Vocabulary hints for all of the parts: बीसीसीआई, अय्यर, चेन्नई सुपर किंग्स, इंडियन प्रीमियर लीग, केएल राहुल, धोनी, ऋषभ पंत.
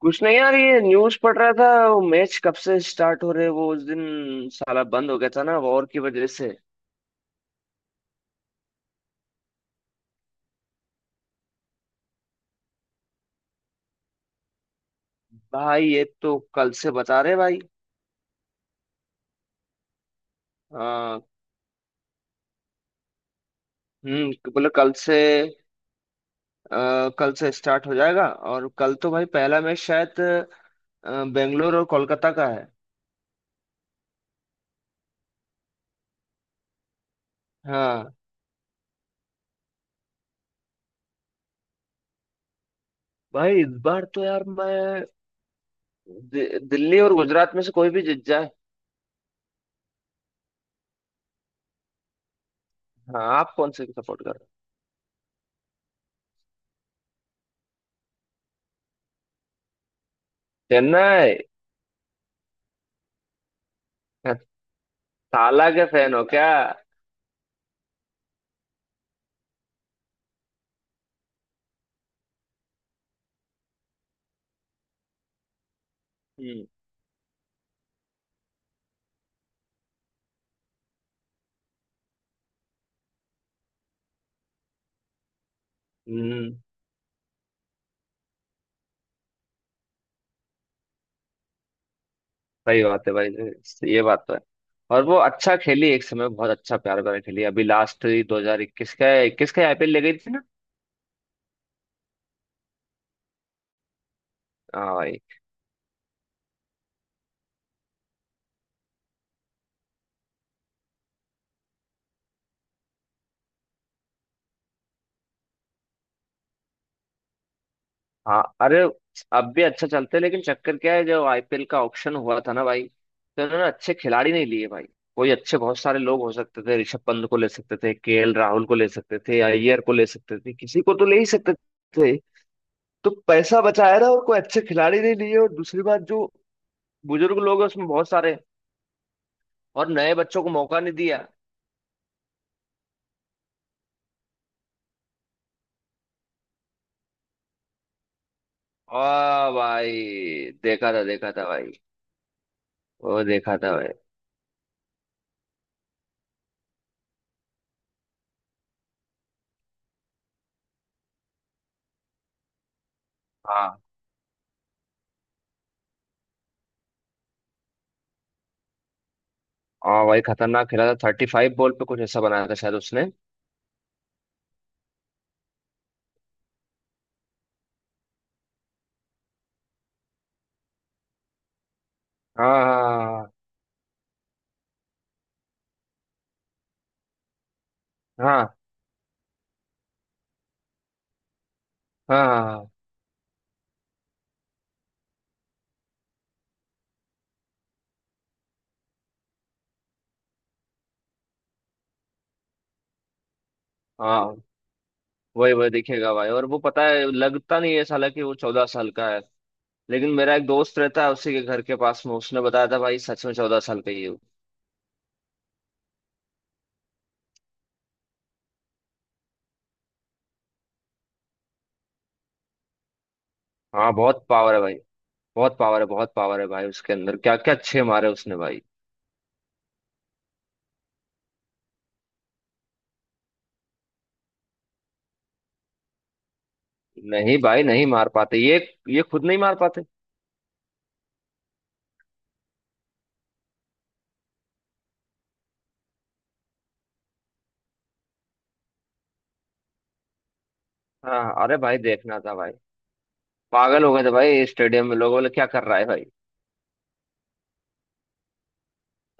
कुछ नहीं यार ये न्यूज पढ़ रहा था वो मैच कब से स्टार्ट हो रहे हैं, वो उस दिन साला बंद हो गया था ना वॉर की वजह से। भाई ये तो कल से बता रहे भाई। आ, बोले कल से। कल से स्टार्ट हो जाएगा। और कल तो भाई पहला मैच शायद बेंगलोर और कोलकाता का है। हाँ भाई इस बार तो यार मैं दिल्ली और गुजरात में से कोई भी जीत जाए। हाँ, आप कौन से सपोर्ट कर रहे हो? चेन्नई। ताला के फैन हो क्या? हम्म। सही बात है भाई। ये बात तो है। और वो अच्छा खेली, एक समय बहुत अच्छा प्यार प्यार खेली। अभी लास्ट 2021 का आईपीएल ले गई थी ना। हाँ भाई। हाँ अरे, अब भी अच्छा चलते हैं लेकिन चक्कर क्या है, जब आईपीएल का ऑक्शन हुआ था ना भाई, तो उन्होंने अच्छे खिलाड़ी नहीं लिए भाई। कोई अच्छे बहुत सारे लोग हो सकते थे। ऋषभ पंत को ले सकते थे, केएल राहुल को ले सकते थे, अय्यर को ले सकते थे, किसी को तो ले ही सकते थे। तो पैसा बचाया ना, और कोई अच्छे खिलाड़ी नहीं लिए। और दूसरी बात, जो बुजुर्ग लोग हैं उसमें बहुत सारे, और नए बच्चों को मौका नहीं दिया। आ भाई, देखा था भाई। वो देखा था भाई। हाँ हाँ भाई खतरनाक खेला था। 35 बॉल पे कुछ ऐसा बनाया था शायद उसने। हाँ हाँ हाँ हाँ। हाँ हाँ, हाँ, हाँ, वही वही दिखेगा भाई। और वो पता है, लगता नहीं है साला कि वो 14 साल का है। लेकिन मेरा एक दोस्त रहता है उसी के घर के पास में, उसने बताया था भाई सच में 14 साल का ही है वो। हाँ बहुत पावर है भाई। बहुत पावर है भाई उसके अंदर। क्या क्या अच्छे मारे उसने भाई। नहीं भाई, नहीं मार पाते ये। ये खुद नहीं मार पाते। हाँ अरे भाई देखना था भाई। पागल हो गए थे भाई स्टेडियम में, लोग बोले क्या कर रहा है भाई।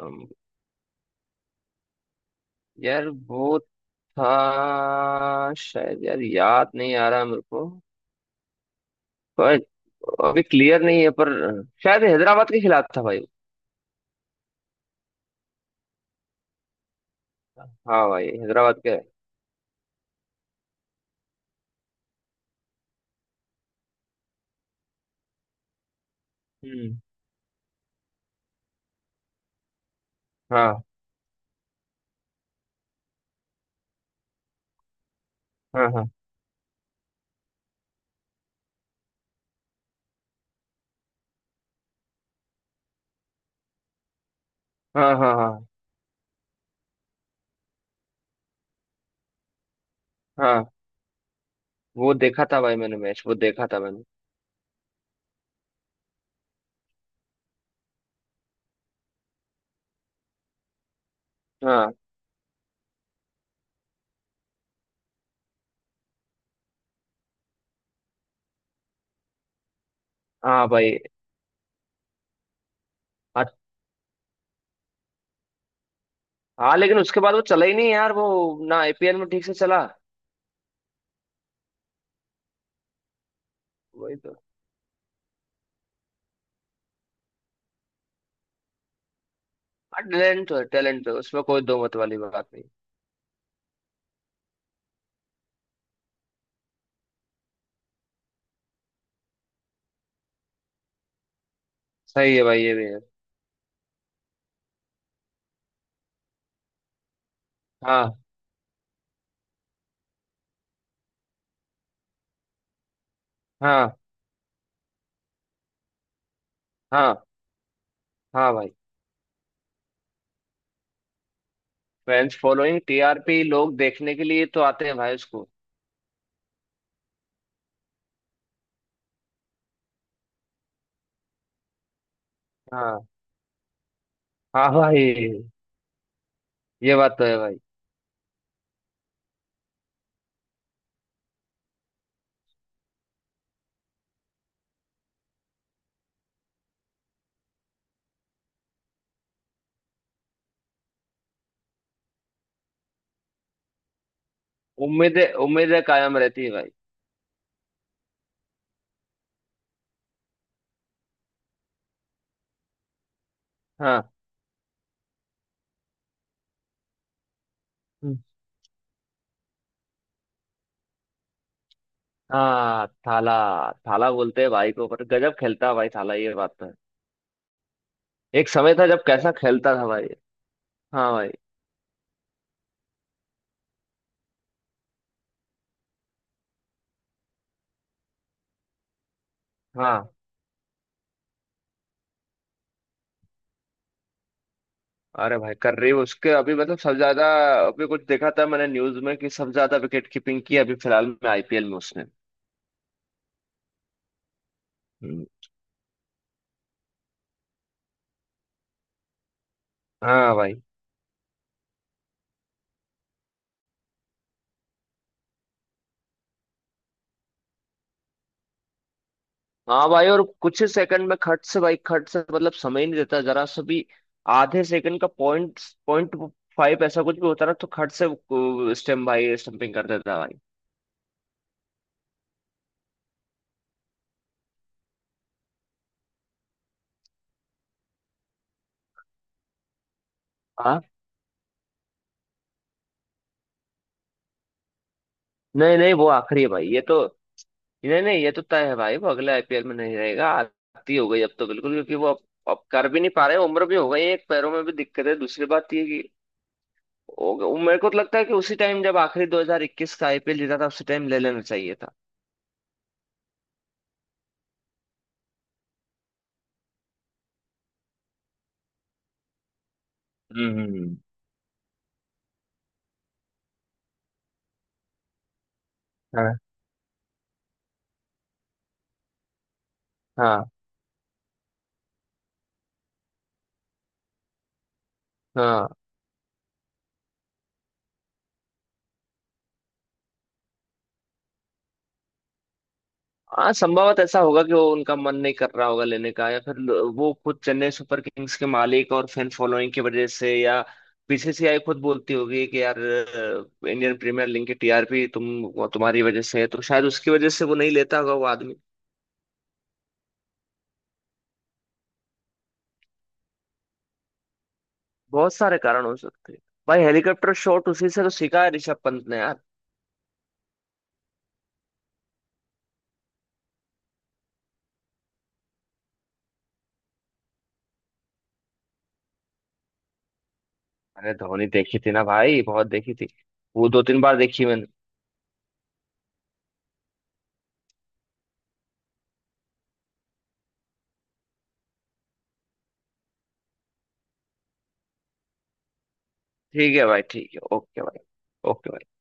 अम, यार वो था शायद, यार याद नहीं आ रहा मेरे को। पर अभी क्लियर नहीं है, पर शायद हैदराबाद के खिलाफ था भाई। हाँ भाई हैदराबाद के। हम्म। हाँ हाँ हाँ हाँ हाँ हाँ हाँ, वो देखा था भाई मैंने, मैच वो देखा था मैंने। हाँ हाँ भाई। हाँ हाँ, लेकिन उसके बाद वो चला ही नहीं यार वो, ना आईपीएल में ठीक से चला। वही तो। हाँ टैलेंट तो है, टैलेंट तो है उसमें, कोई दो मत वाली बात नहीं। सही है भाई, ये भी है। हाँ हाँ हाँ हाँ भाई। फैंस फॉलोइंग टीआरपी, लोग देखने के लिए तो आते हैं भाई उसको। हाँ हाँ भाई ये बात तो है भाई। उम्मीदें उम्मीदें कायम रहती है भाई। हाँ, हम्म। हाँ थाला। थाला बोलते हैं भाई को, पर गजब खेलता है भाई थाला, ये बात तो है। एक समय था जब कैसा खेलता था भाई। हाँ भाई। हाँ अरे भाई कर रही उसके अभी, मतलब सबसे ज्यादा। अभी कुछ देखा था मैंने न्यूज में कि सबसे ज्यादा विकेट कीपिंग की अभी फिलहाल में आईपीएल में उसने। हम्म। हाँ भाई। हाँ भाई, और कुछ ही सेकंड में खट से भाई खट से, मतलब समय ही नहीं देता जरा सा भी। आधे सेकंड का पॉइंट पॉइंट फाइव ऐसा कुछ भी होता ना, तो खट से स्टेम भाई स्टंपिंग कर देता भाई। हाँ। नहीं नहीं वो आखिरी है भाई ये तो। नहीं नहीं ये तो तय है भाई, वो अगले आईपीएल में नहीं रहेगा। आती हो गई अब तो बिल्कुल, क्योंकि वो अब कर भी नहीं पा रहे, उम्र भी हो गई है, एक पैरों में भी दिक्कत है, दूसरी बात ये है कि मेरे को तो लगता है कि उसी टाइम जब आखिरी 2021 का आईपीएल जीता था, उसी टाइम ले लेना चाहिए था। हम्म हम्म, हम्म। हाँ हाँ हाँ। हाँ संभवत ऐसा होगा कि वो, उनका मन नहीं कर रहा होगा लेने का, या फिर वो खुद चेन्नई सुपर किंग्स के मालिक और फैन फॉलोइंग की वजह से, या बीसीसीआई खुद बोलती होगी कि यार इंडियन प्रीमियर लीग की टीआरपी तुम, वो तुम्हारी वजह से है, तो शायद उसकी वजह से वो नहीं लेता होगा वो आदमी। बहुत सारे कारण हो सकते हैं। भाई हेलीकॉप्टर शॉट उसी से तो सीखा है ऋषभ पंत ने यार। अरे धोनी देखी थी ना भाई, बहुत देखी थी। वो 2-3 बार देखी मैंने। ठीक है भाई ठीक है ओके भाई। ओके।